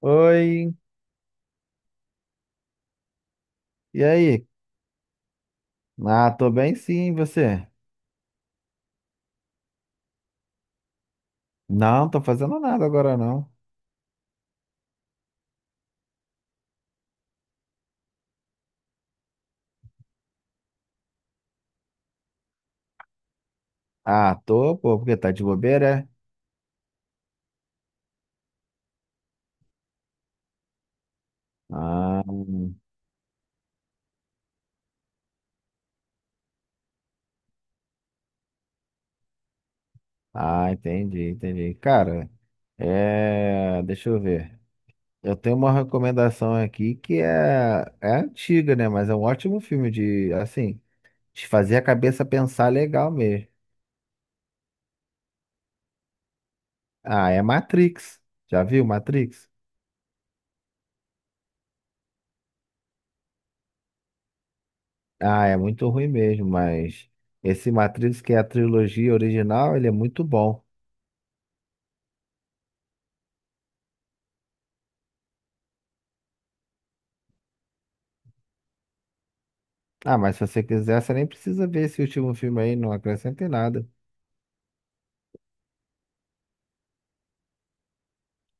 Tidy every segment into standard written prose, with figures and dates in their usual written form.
Oi, e aí? Ah, tô bem sim, e você? Não, tô fazendo nada agora não. Ah, tô, pô, porque tá de bobeira, é? Ah, ah, entendi, entendi. Cara, é, deixa eu ver. Eu tenho uma recomendação aqui que é antiga, né? Mas é um ótimo filme de, assim, de fazer a cabeça pensar legal mesmo. Ah, é Matrix. Já viu Matrix? Ah, é muito ruim mesmo, mas esse Matrix, que é a trilogia original, ele é muito bom. Ah, mas se você quiser, você nem precisa ver esse último filme aí, não acrescenta em nada.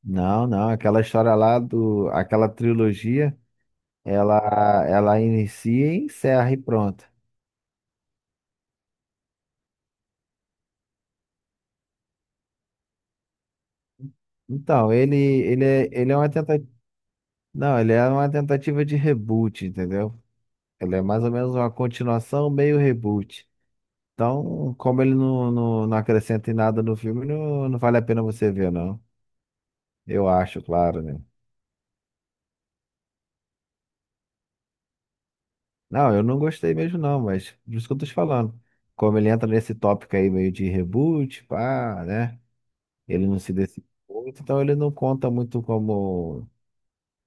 Não, não, aquela história lá do, aquela trilogia, ela, ela inicia e encerra e pronto. Então, ele é uma tentativa, não, ele é uma tentativa de reboot, entendeu? Ele é mais ou menos uma continuação meio reboot. Então, como ele não, não, não acrescenta em nada no filme, não, não vale a pena você ver, não. Eu acho, claro, né? Não, eu não gostei mesmo, não, mas por isso que eu tô te falando. Como ele entra nesse tópico aí meio de reboot, pá, né? Ele não se decide muito, então ele não conta muito como,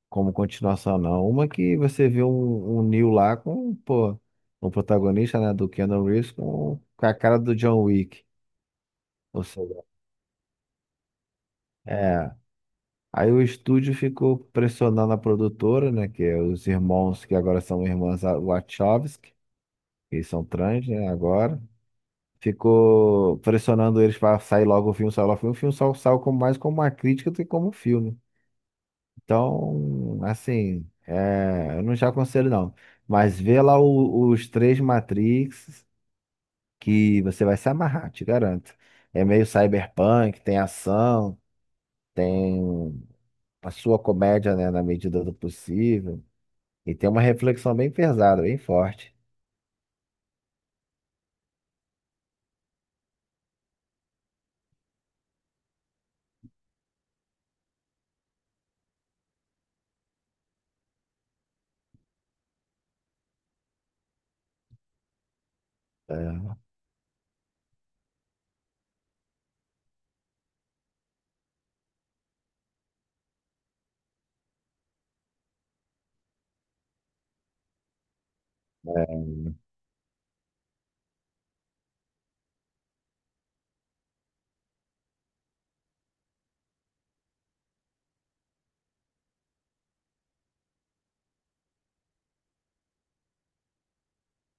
como continuação, não. Uma que você vê um Neo lá com, pô, um protagonista, né, do Keanu Reeves com a cara do John Wick. Ou seja, é. Aí o estúdio ficou pressionando a produtora, né, que é os irmãos que agora são irmãs Wachowski, que são trans, né, agora. Ficou pressionando eles para sair logo o filme, sair logo o filme. O filme só saiu como, mais como uma crítica do que como um filme. Então, assim, é, eu não já aconselho não. Mas vê lá os três Matrix que você vai se amarrar, te garanto. É meio cyberpunk, tem ação, tem a sua comédia, né, na medida do possível. E tem uma reflexão bem pesada, bem forte. É,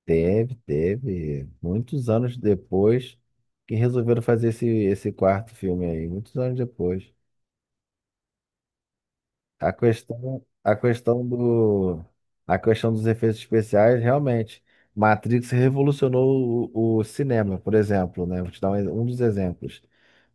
teve, teve. Muitos anos depois que resolveram fazer esse quarto filme aí. Muitos anos depois. A questão, a questão do, a questão dos efeitos especiais, realmente. Matrix revolucionou o cinema, por exemplo, né? Vou te dar um dos exemplos.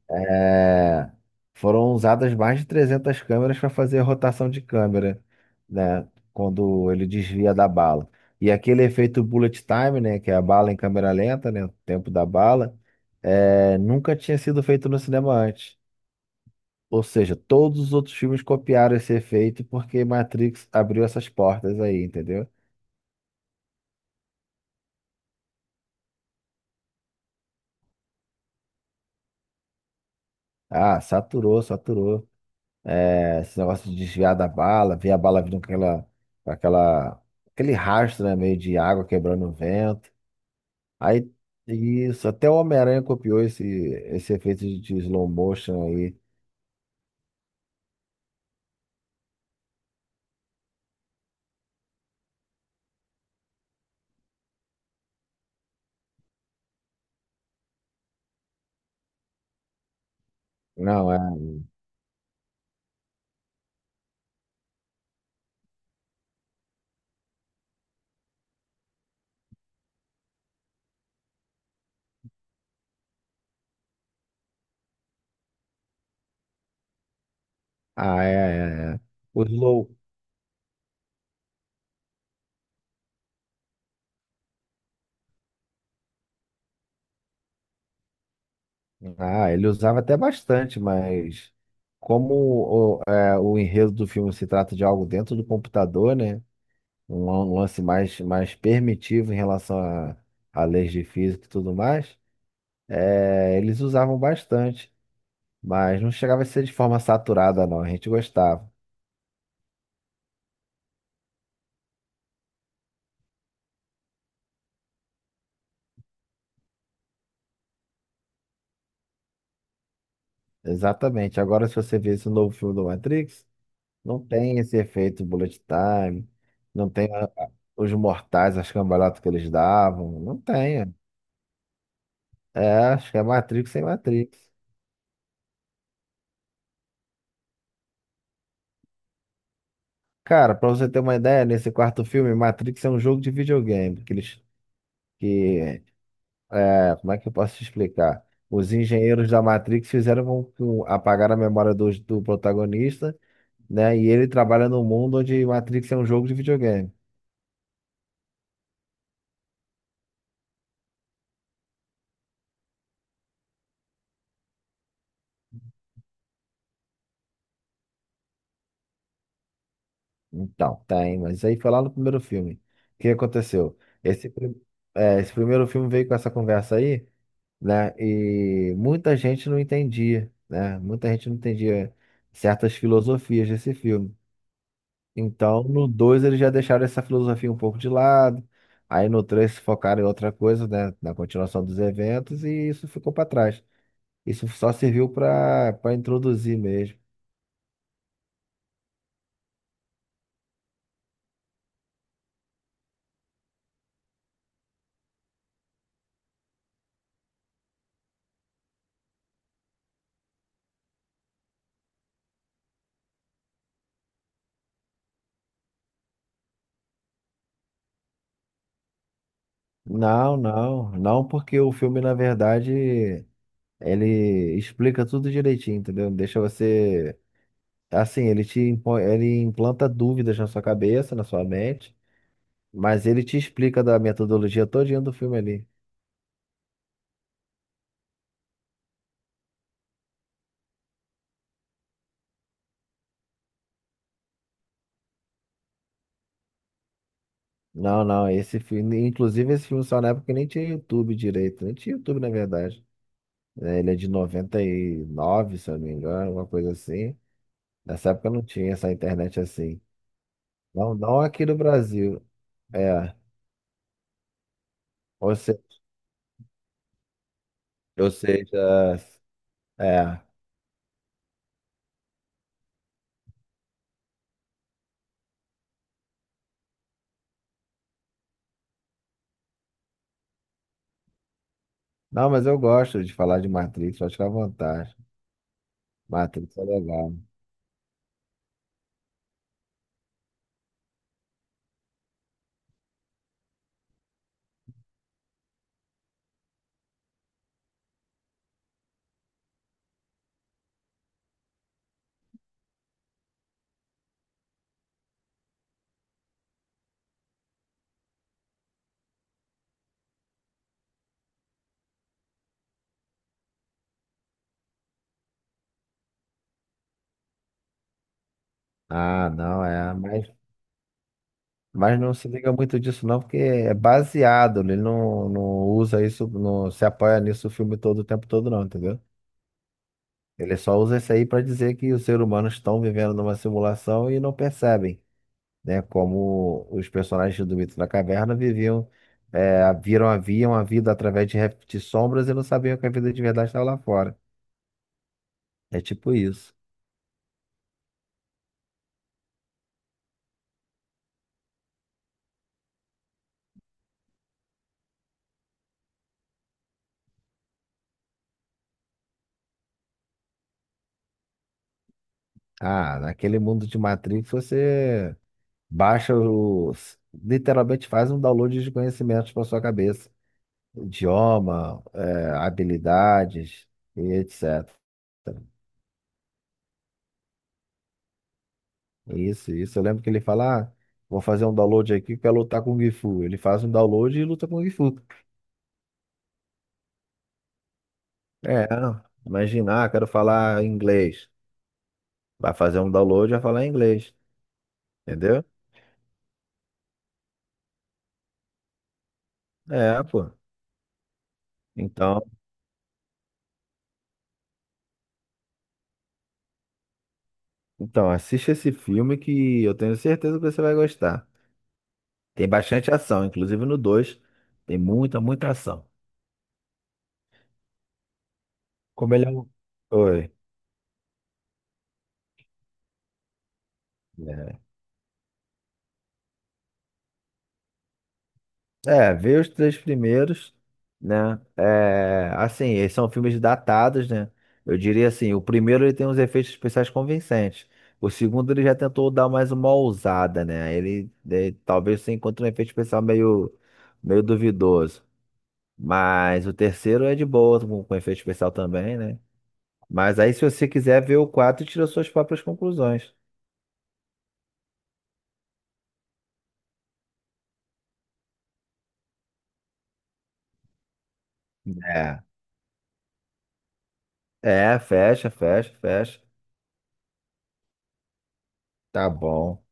É, foram usadas mais de 300 câmeras para fazer a rotação de câmera, né, quando ele desvia da bala. E aquele efeito bullet time, né, que é a bala em câmera lenta, né, o tempo da bala, é, nunca tinha sido feito no cinema antes. Ou seja, todos os outros filmes copiaram esse efeito porque Matrix abriu essas portas aí, entendeu? Ah, saturou, saturou. É, esse negócio de desviar da bala, ver a bala vindo com aquela, aquele rastro, né, meio de água quebrando o vento. Aí, isso, até o Homem-Aranha copiou esse efeito de slow motion aí. Não, é. Ah, é, é, é. O slow. Ah, ele usava até bastante, mas como o enredo do filme se trata de algo dentro do computador, né? Um lance mais permitivo em relação a leis de física e tudo mais. É, eles usavam bastante, mas não chegava a ser de forma saturada, não. A gente gostava. Exatamente. Agora, se você vê esse novo filme do Matrix, não tem esse efeito bullet time, não tem os mortais, as cambalhotas que eles davam, não tem. É, acho que é Matrix sem Matrix. Cara, pra você ter uma ideia, nesse quarto filme, Matrix é um jogo de videogame, que eles, que, é, como é que eu posso te explicar? Os engenheiros da Matrix fizeram com que apagar a memória do protagonista, né? E ele trabalha num mundo onde Matrix é um jogo de videogame. Então, tá, hein? Mas aí foi lá no primeiro filme. O que aconteceu? Esse, prim- esse primeiro filme veio com essa conversa aí, né? E muita gente não entendia, né? Muita gente não entendia certas filosofias desse filme. Então, no 2 eles já deixaram essa filosofia um pouco de lado. Aí no 3 se focaram em outra coisa, né? Na continuação dos eventos, e isso ficou para trás. Isso só serviu para introduzir mesmo. Não, não, não, porque o filme, na verdade, ele explica tudo direitinho, entendeu? Deixa você. Assim, ele implanta dúvidas na sua cabeça, na sua mente, mas ele te explica da metodologia todinha do filme ali. Não, não, esse filme, inclusive esse filme só na época nem tinha YouTube direito, nem tinha YouTube na verdade. É, ele é de 99 se eu não me engano, uma coisa assim. Nessa época não tinha essa internet assim. Não, não aqui no Brasil. É, ou Ou seja, é. Não, mas eu gosto de falar de Matrix, acho que à vontade. Matrix é legal. Ah, não, é. Mas não se liga muito disso, não, porque é baseado. Ele não, não usa isso, não se apoia nisso o filme todo, o tempo todo, não, entendeu? Ele só usa isso aí para dizer que os seres humanos estão vivendo numa simulação e não percebem, né? Como os personagens do Mito da Caverna viviam, haviam a vida através de, sombras e não sabiam que a vida de verdade estava lá fora. É tipo isso. Ah, naquele mundo de Matrix você baixa os. Literalmente faz um download de conhecimentos para sua cabeça. Idioma, habilidades e etc. Isso, isso. Eu lembro que ele fala, ah, vou fazer um download aqui, quero lutar com o Gifu. Ele faz um download e luta com o Gifu. É, imaginar, quero falar inglês. Vai fazer um download e vai falar inglês. Entendeu? É, pô. Então. Então, assiste esse filme que eu tenho certeza que você vai gostar. Tem bastante ação, inclusive no dois. Tem muita, muita ação. Como ele é um. Oi. É, vê os três primeiros, né? É, assim, eles são filmes datados, né? Eu diria assim, o primeiro ele tem uns efeitos especiais convincentes. O segundo ele já tentou dar mais uma ousada, né? Ele talvez você encontre um efeito especial meio duvidoso. Mas o terceiro é de boa, com efeito especial também, né? Mas aí, se você quiser ver o quadro, tira suas próprias conclusões. É, é, fecha, fecha, fecha. Tá bom.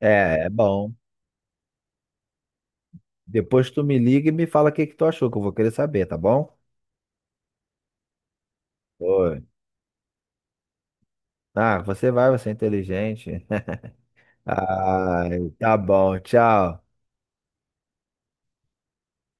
É, é bom. Depois tu me liga e me fala o que que tu achou, que eu vou querer saber, tá bom? Oi. Ah, você vai, você é inteligente. Ai, tá bom, tchau.